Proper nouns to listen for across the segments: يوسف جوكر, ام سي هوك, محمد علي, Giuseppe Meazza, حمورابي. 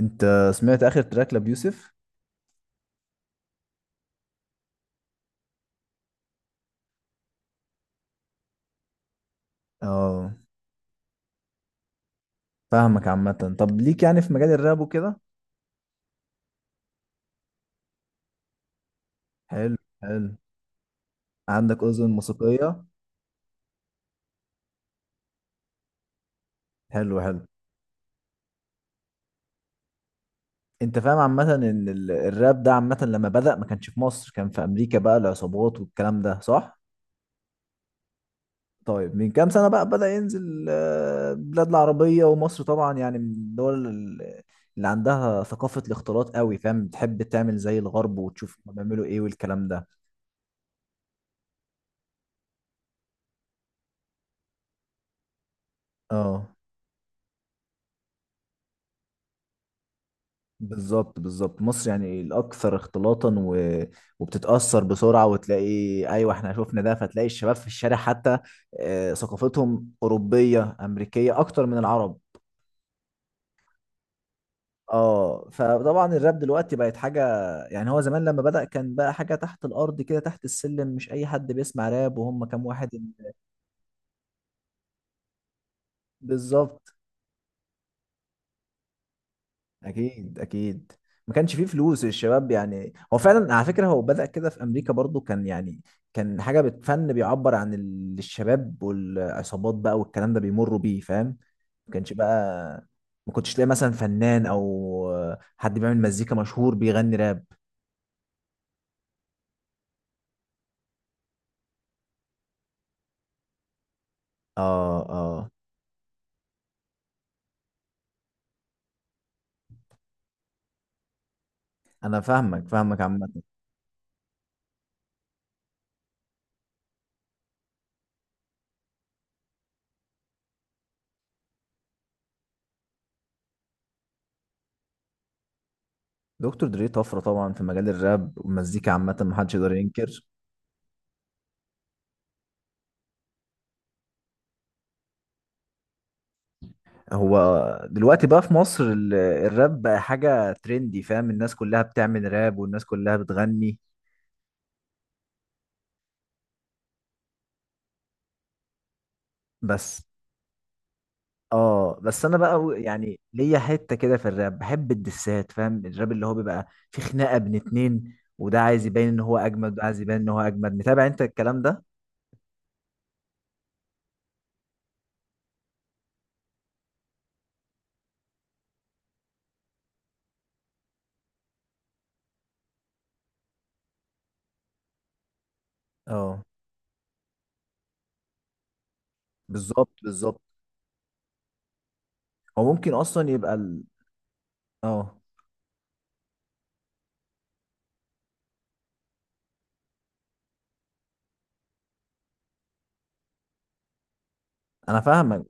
انت سمعت اخر تراك لبيوسف؟ اه، فاهمك عامة. طب ليك يعني في مجال الراب وكده؟ حلو حلو. عندك اذن موسيقية. حلو حلو. انت فاهم عامة ان الراب ده عامة لما بدأ ما كانش في مصر، كان في امريكا بقى العصابات والكلام ده، صح؟ طيب من كام سنة بقى بدأ ينزل البلاد العربية ومصر طبعا، يعني من الدول اللي عندها ثقافة الاختلاط قوي، فاهم، بتحب تعمل زي الغرب وتشوف هما بيعملوا ايه والكلام ده. اه، بالظبط بالظبط، مصر يعني الاكثر اختلاطا وبتتاثر بسرعه وتلاقي. ايوه، احنا شفنا ده، فتلاقي الشباب في الشارع حتى ثقافتهم اوروبيه امريكيه اكتر من العرب. اه، فطبعا الراب دلوقتي بقت حاجه، يعني هو زمان لما بدأ كان بقى حاجه تحت الارض كده، تحت السلم، مش اي حد بيسمع راب وهم كام واحد. بالظبط، اكيد اكيد، ما كانش فيه فلوس الشباب، يعني هو فعلا على فكره هو بدأ كده في امريكا برضو، كان يعني كان حاجه بتفن بيعبر عن الشباب والعصابات بقى والكلام ده بيمروا بيه، فاهم. ما كانش بقى، ما كنتش تلاقي مثلا فنان او حد بيعمل مزيكا مشهور بيغني راب. اه اه، انا فاهمك فاهمك عامه. دكتور دري طفره طبعا في مجال الراب والمزيكا عامه، ما حدش يقدر ينكر. هو دلوقتي بقى في مصر الراب بقى حاجة ترندي، فاهم، الناس كلها بتعمل راب والناس كلها بتغني. بس اه، بس انا بقى يعني ليا حتة كده في الراب، بحب الدسات، فاهم، الراب اللي هو بيبقى في خناقة بين اتنين، وده عايز يبين ان هو اجمد وده عايز يبين ان هو اجمد، متابع انت الكلام ده؟ اه، بالظبط بالظبط. هو ممكن اصلا يبقى اه، انا فاهمك.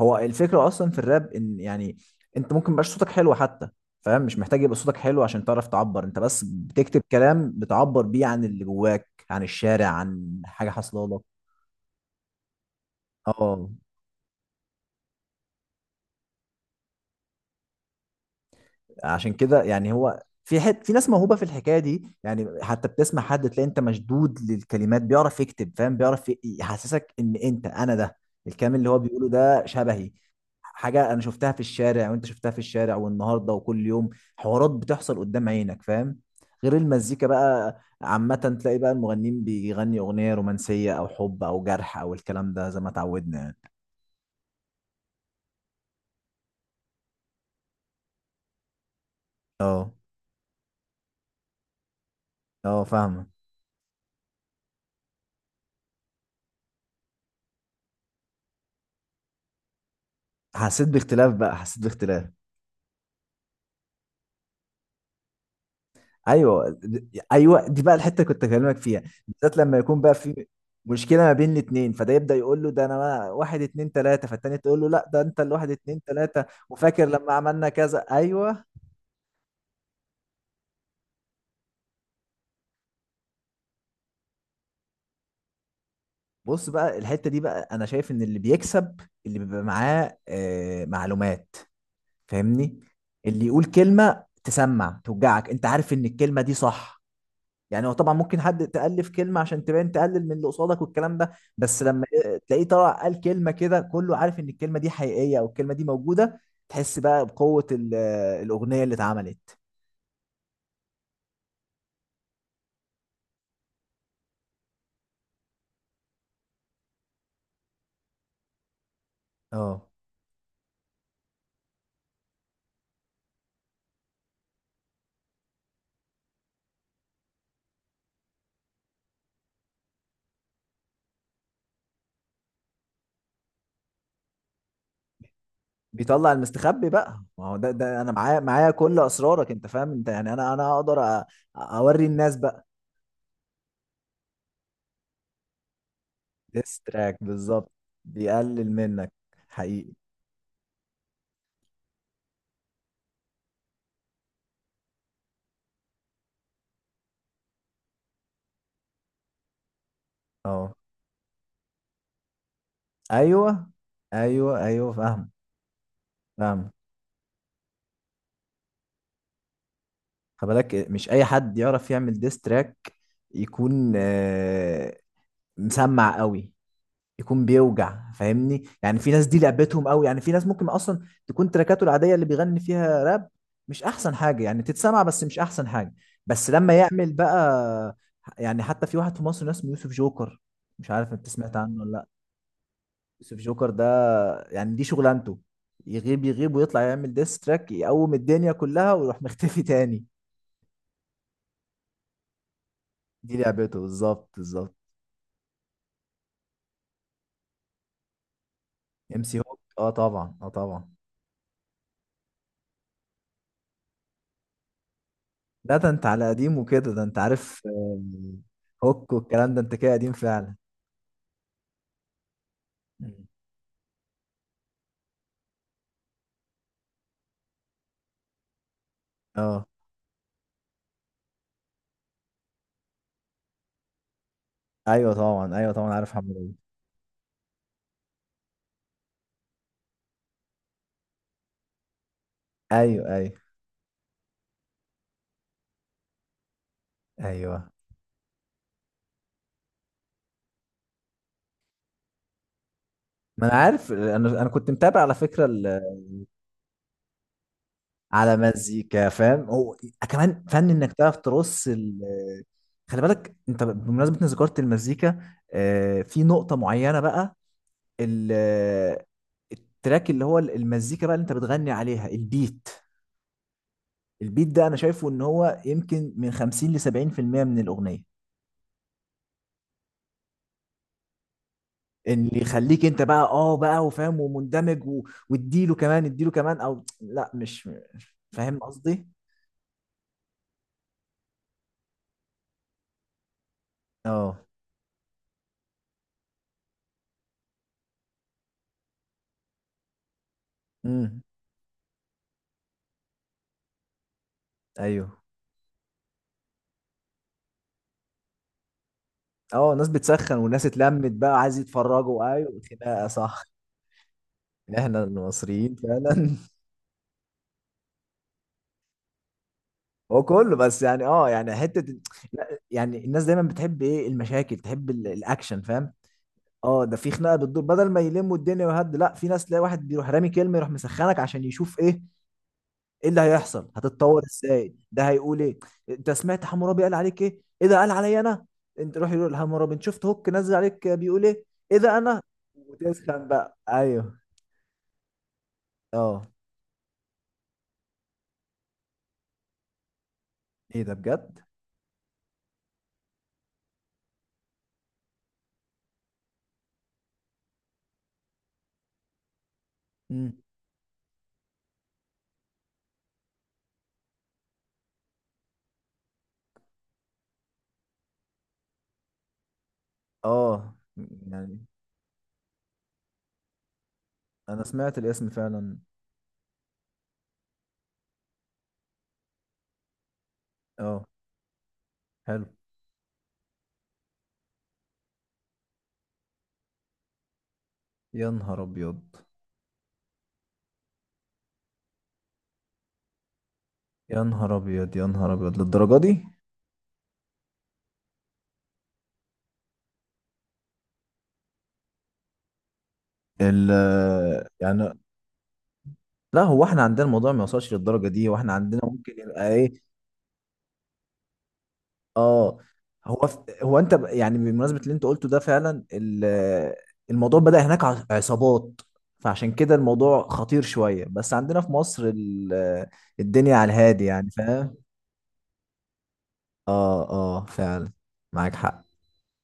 هو الفكرة أصلا في الراب إن يعني، أنت ممكن ميبقاش صوتك حلو حتى، فاهم، مش محتاج يبقى صوتك حلو عشان تعرف تعبر، أنت بس بتكتب كلام بتعبر بيه عن اللي جواك، عن الشارع، عن حاجة حصلالك. اه، عشان كده يعني هو في حت في ناس موهوبه في الحكايه دي، يعني حتى بتسمع حد تلاقي انت مشدود للكلمات، بيعرف يكتب، فاهم، بيعرف يحسسك ان انت انا ده، الكلام اللي هو بيقوله ده شبهي، حاجه انا شفتها في الشارع وانت شفتها في الشارع والنهارده وكل يوم، حوارات بتحصل قدام عينك، فاهم، غير المزيكا بقى عامة. تلاقي بقى المغنيين بيغني أغنية رومانسية أو حب أو جرح أو الكلام ده زي ما اتعودنا يعني. اه اه، فاهمة. حسيت باختلاف بقى، حسيت باختلاف. ايوه، ايوه دي بقى الحته اللي كنت اكلمك فيها، بالذات لما يكون بقى في مشكله ما بين الاثنين، فده يبدا يقول له: ده انا واحد اتنين تلاته، فالتاني تقول له: لا، ده انت الواحد اتنين تلاته، وفاكر لما عملنا كذا، ايوه. بص بقى الحته دي بقى، انا شايف ان اللي بيكسب اللي بيبقى معاه معلومات، فاهمني، اللي يقول كلمه تسمع توجعك، انت عارف ان الكلمه دي صح. يعني هو طبعا ممكن حد تألف كلمة عشان تبان تقلل من اللي قصادك والكلام ده، بس لما تلاقيه طلع قال كلمة كده كله عارف ان الكلمة دي حقيقية او الكلمة دي موجودة، تحس بقى بقوة الأغنية اللي اتعملت. اه، بيطلع المستخبي بقى، ما هو ده انا معايا معايا كل اسرارك، انت فاهم، انت يعني انا اقدر اوري الناس بقى. ديستراك بالظبط، بيقلل منك، حقيقي. اه، ايوه ايوه ايوه، فاهم فاهم، خلي بالك مش اي حد يعرف يعمل ديستراك، يكون مسمع قوي، يكون بيوجع، فاهمني، يعني في ناس دي لعبتهم قوي، يعني في ناس ممكن اصلا تكون تراكاته العاديه اللي بيغني فيها راب مش احسن حاجه يعني تتسمع، بس مش احسن حاجه، بس لما يعمل بقى، يعني حتى في واحد في مصر اسمه يوسف جوكر، مش عارف انت سمعت عنه ولا لا. يوسف جوكر ده، يعني دي شغلانته، يغيب يغيب ويطلع يعمل ديستراك يقوم الدنيا كلها ويروح مختفي تاني، دي لعبته، بالظبط بالظبط. ام سي هوك، اه طبعا اه طبعا. لا، ده انت على قديم وكده، ده انت عارف هوك والكلام ده، انت كده قديم فعلا. مم. اه، ايوه طبعا، ايوه طبعا، عارف محمد علي. ايوه ايوه ايوه، ما انا عارف، انا انا كنت متابع على فكره على مزيكا، فاهم، هو كمان فن انك تعرف ترص خلي بالك انت بمناسبه ان ذكرت المزيكا في نقطه معينه بقى، ال- التراك اللي هو المزيكا بقى اللي انت بتغني عليها، البيت، البيت ده انا شايفه ان هو يمكن من 50 ل 70% من الاغنيه، اللي يخليك انت بقى اه بقى وفاهم ومندمج واديله كمان اديله كمان او لا، مش فاهم قصدي. اه، امم ايوه، اه، ناس بتسخن وناس اتلمت بقى عايز يتفرجوا، ايوه خناقه، صح. احنا المصريين فعلا هو كله بس يعني، اه يعني حته. لا، يعني الناس دايما بتحب ايه المشاكل، تحب الاكشن، فاهم. اه، ده في خناقه بتدور بدل ما يلموا الدنيا ويهد، لا، في ناس تلاقي واحد بيروح رامي كلمه يروح مسخنك عشان يشوف ايه، ايه اللي هيحصل، هتتطور ازاي، ده هيقول ايه، انت سمعت حمورابي قال عليك ايه، ايه ده قال عليا انا، انت روح يقول حمورابي: انت شفت هوك نزل عليك بيقول ايه، ايه ده انا، وتسخن بقى، ايوه. اه، ايه ده بجد؟ امم اه، يعني انا سمعت الاسم فعلا. اه، حلو. يا نهار ابيض، يا نهار ابيض، يا نهار ابيض للدرجه دي؟ ال يعني لا، هو احنا عندنا الموضوع ما يوصلش للدرجه دي، هو احنا عندنا ممكن يبقى ايه. اه، هو هو انت يعني بمناسبه اللي انت قلته ده فعلا الموضوع بدأ هناك عصابات، فعشان كده الموضوع خطير شويه، بس عندنا في مصر الدنيا على الهادي يعني، فاهم. اه اه فعلا. معاك حق.